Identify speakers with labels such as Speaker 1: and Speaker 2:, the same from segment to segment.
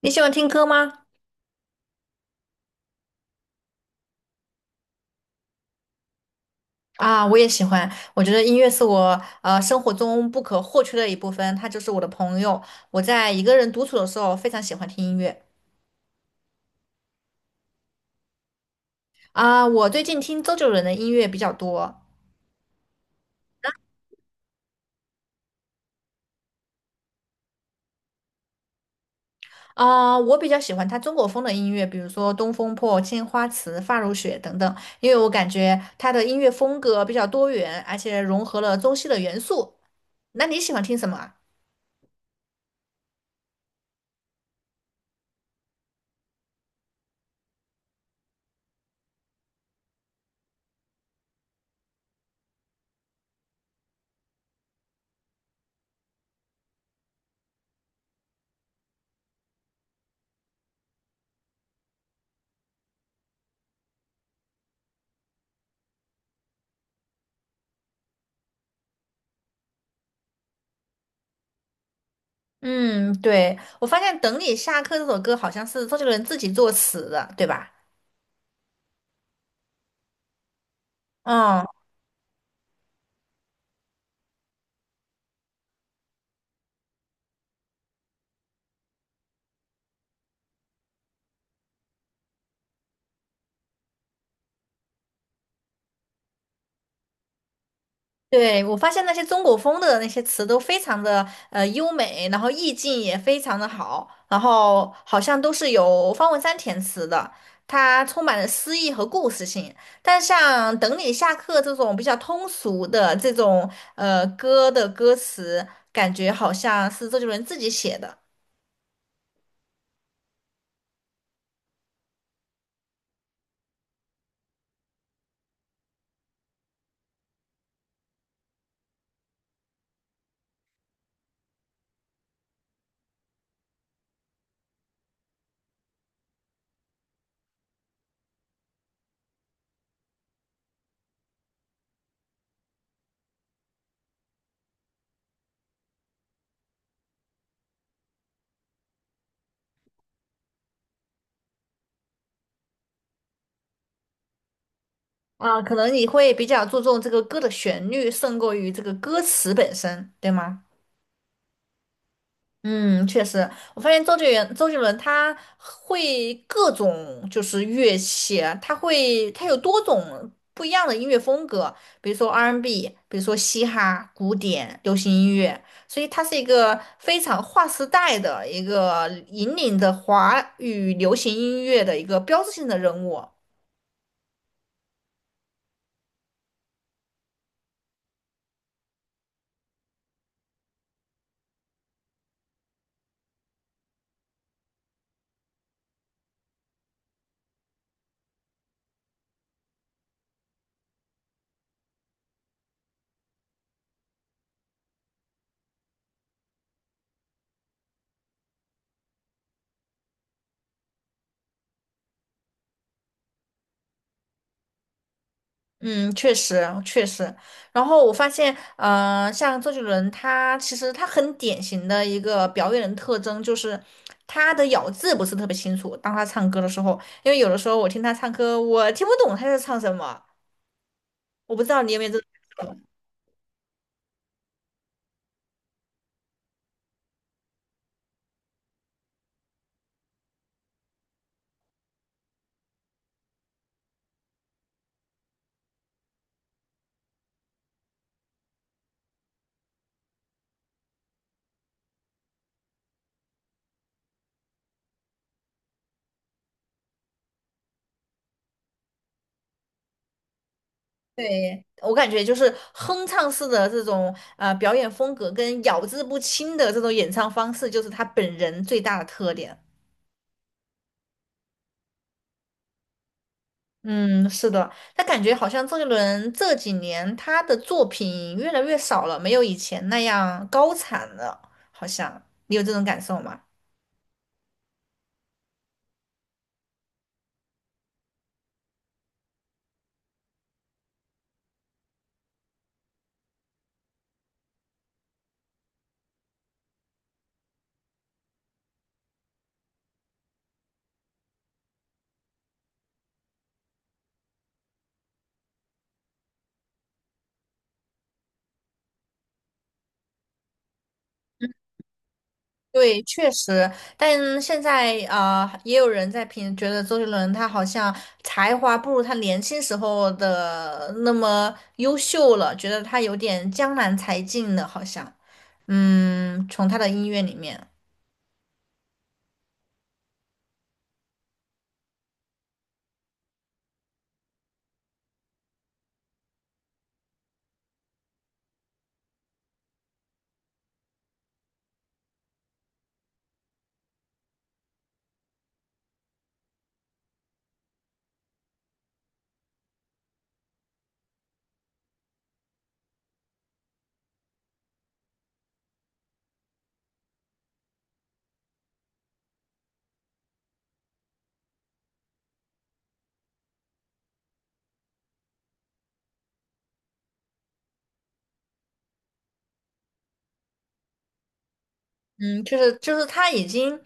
Speaker 1: 你喜欢听歌吗？啊，我也喜欢。我觉得音乐是我生活中不可或缺的一部分，它就是我的朋友。我在一个人独处的时候，非常喜欢听音乐。啊，我最近听周杰伦的音乐比较多。啊，我比较喜欢他中国风的音乐，比如说《东风破》《青花瓷》《发如雪》等等，因为我感觉他的音乐风格比较多元，而且融合了中西的元素。那你喜欢听什么啊。嗯，对，我发现《等你下课》这首歌好像是周杰伦自己作词的，对吧？嗯，对，我发现那些中国风的那些词都非常的优美，然后意境也非常的好，然后好像都是由方文山填词的，它充满了诗意和故事性。但像《等你下课》这种比较通俗的这种歌的歌词，感觉好像是周杰伦自己写的。啊，可能你会比较注重这个歌的旋律，胜过于这个歌词本身，对吗？嗯，确实，我发现周杰伦，周杰伦他会各种就是乐器啊，他会他有多种不一样的音乐风格，比如说 R&B，比如说嘻哈、古典、流行音乐，所以他是一个非常划时代的一个引领着华语流行音乐的一个标志性的人物。嗯，确实确实。然后我发现，呃，像周杰伦他其实他很典型的一个表演的特征就是他的咬字不是特别清楚。当他唱歌的时候，因为有的时候我听他唱歌，我听不懂他在唱什么。我不知道你有没有这种感受。对，我感觉就是哼唱式的这种表演风格跟咬字不清的这种演唱方式，就是他本人最大的特点。嗯，是的，他感觉好像周杰伦这几年他的作品越来越少了，没有以前那样高产了，好像你有这种感受吗？对，确实，但现在啊、呃也有人在评，觉得周杰伦他好像才华不如他年轻时候的那么优秀了，觉得他有点江南才尽了，好像，嗯，从他的音乐里面。嗯，就是就是他已经，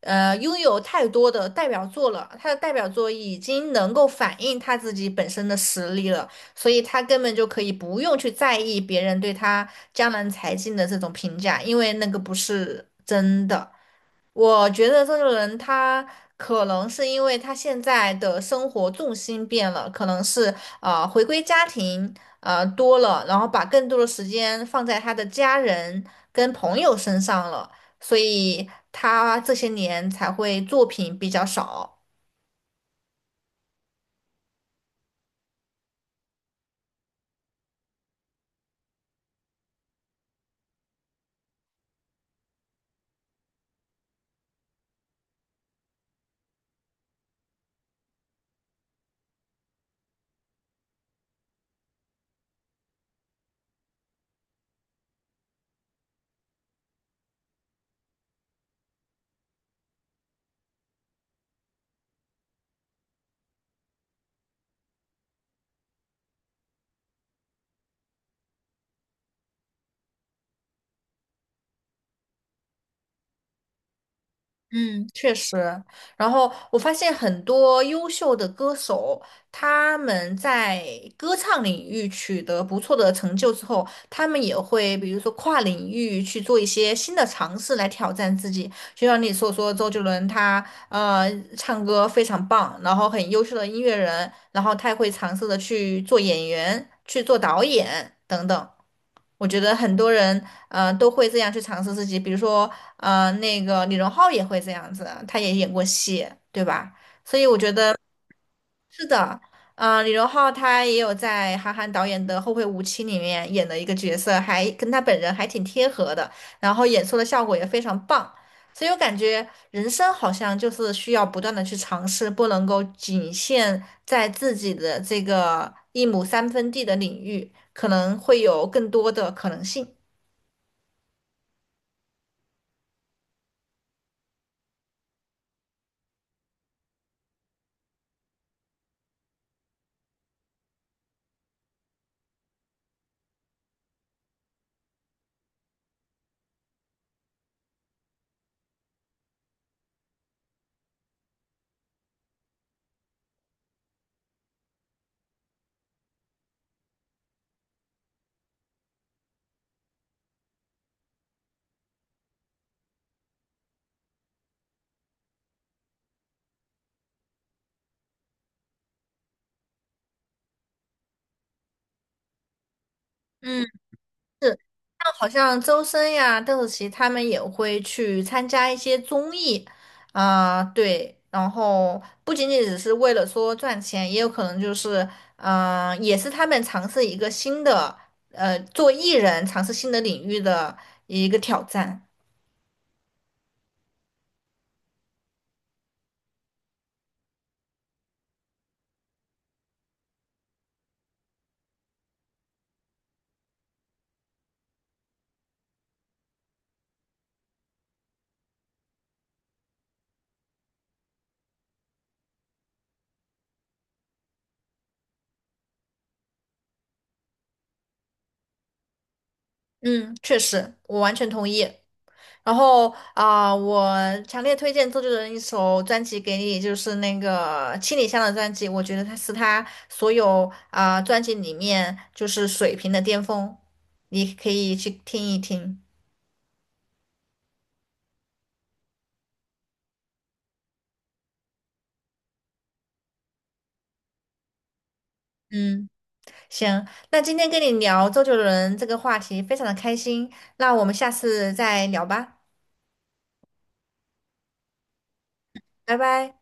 Speaker 1: 呃，拥有太多的代表作了，他的代表作已经能够反映他自己本身的实力了，所以他根本就可以不用去在意别人对他江南才尽的这种评价，因为那个不是真的。我觉得这个人他可能是因为他现在的生活重心变了，可能是回归家庭多了，然后把更多的时间放在他的家人跟朋友身上了。所以他这些年才会作品比较少。嗯，确实。然后我发现很多优秀的歌手，他们在歌唱领域取得不错的成就之后，他们也会比如说跨领域去做一些新的尝试来挑战自己。就像你所说，周杰伦他呃唱歌非常棒，然后很优秀的音乐人，然后他也会尝试的去做演员、去做导演等等。我觉得很多人，呃，都会这样去尝试自己。比如说，呃，那个李荣浩也会这样子，他也演过戏，对吧？所以我觉得是的，呃，李荣浩他也有在韩寒导演的《后会无期》里面演的一个角色，还跟他本人还挺贴合的，然后演出的效果也非常棒。所以我感觉人生好像就是需要不断的去尝试，不能够仅限在自己的这个一亩三分地的领域，可能会有更多的可能性。嗯。是。那好像周深呀、邓紫棋他们也会去参加一些综艺，啊、对，然后不仅仅只是为了说赚钱，也有可能就是，嗯、也是他们尝试一个新的，呃，做艺人尝试新的领域的一个挑战。嗯，确实，我完全同意。然后啊、我强烈推荐周杰伦一首专辑给你，就是那个《七里香》的专辑，我觉得它是他所有啊、专辑里面就是水平的巅峰，你可以去听一听。嗯，行，那今天跟你聊周杰伦这个话题非常的开心，那我们下次再聊吧，拜拜。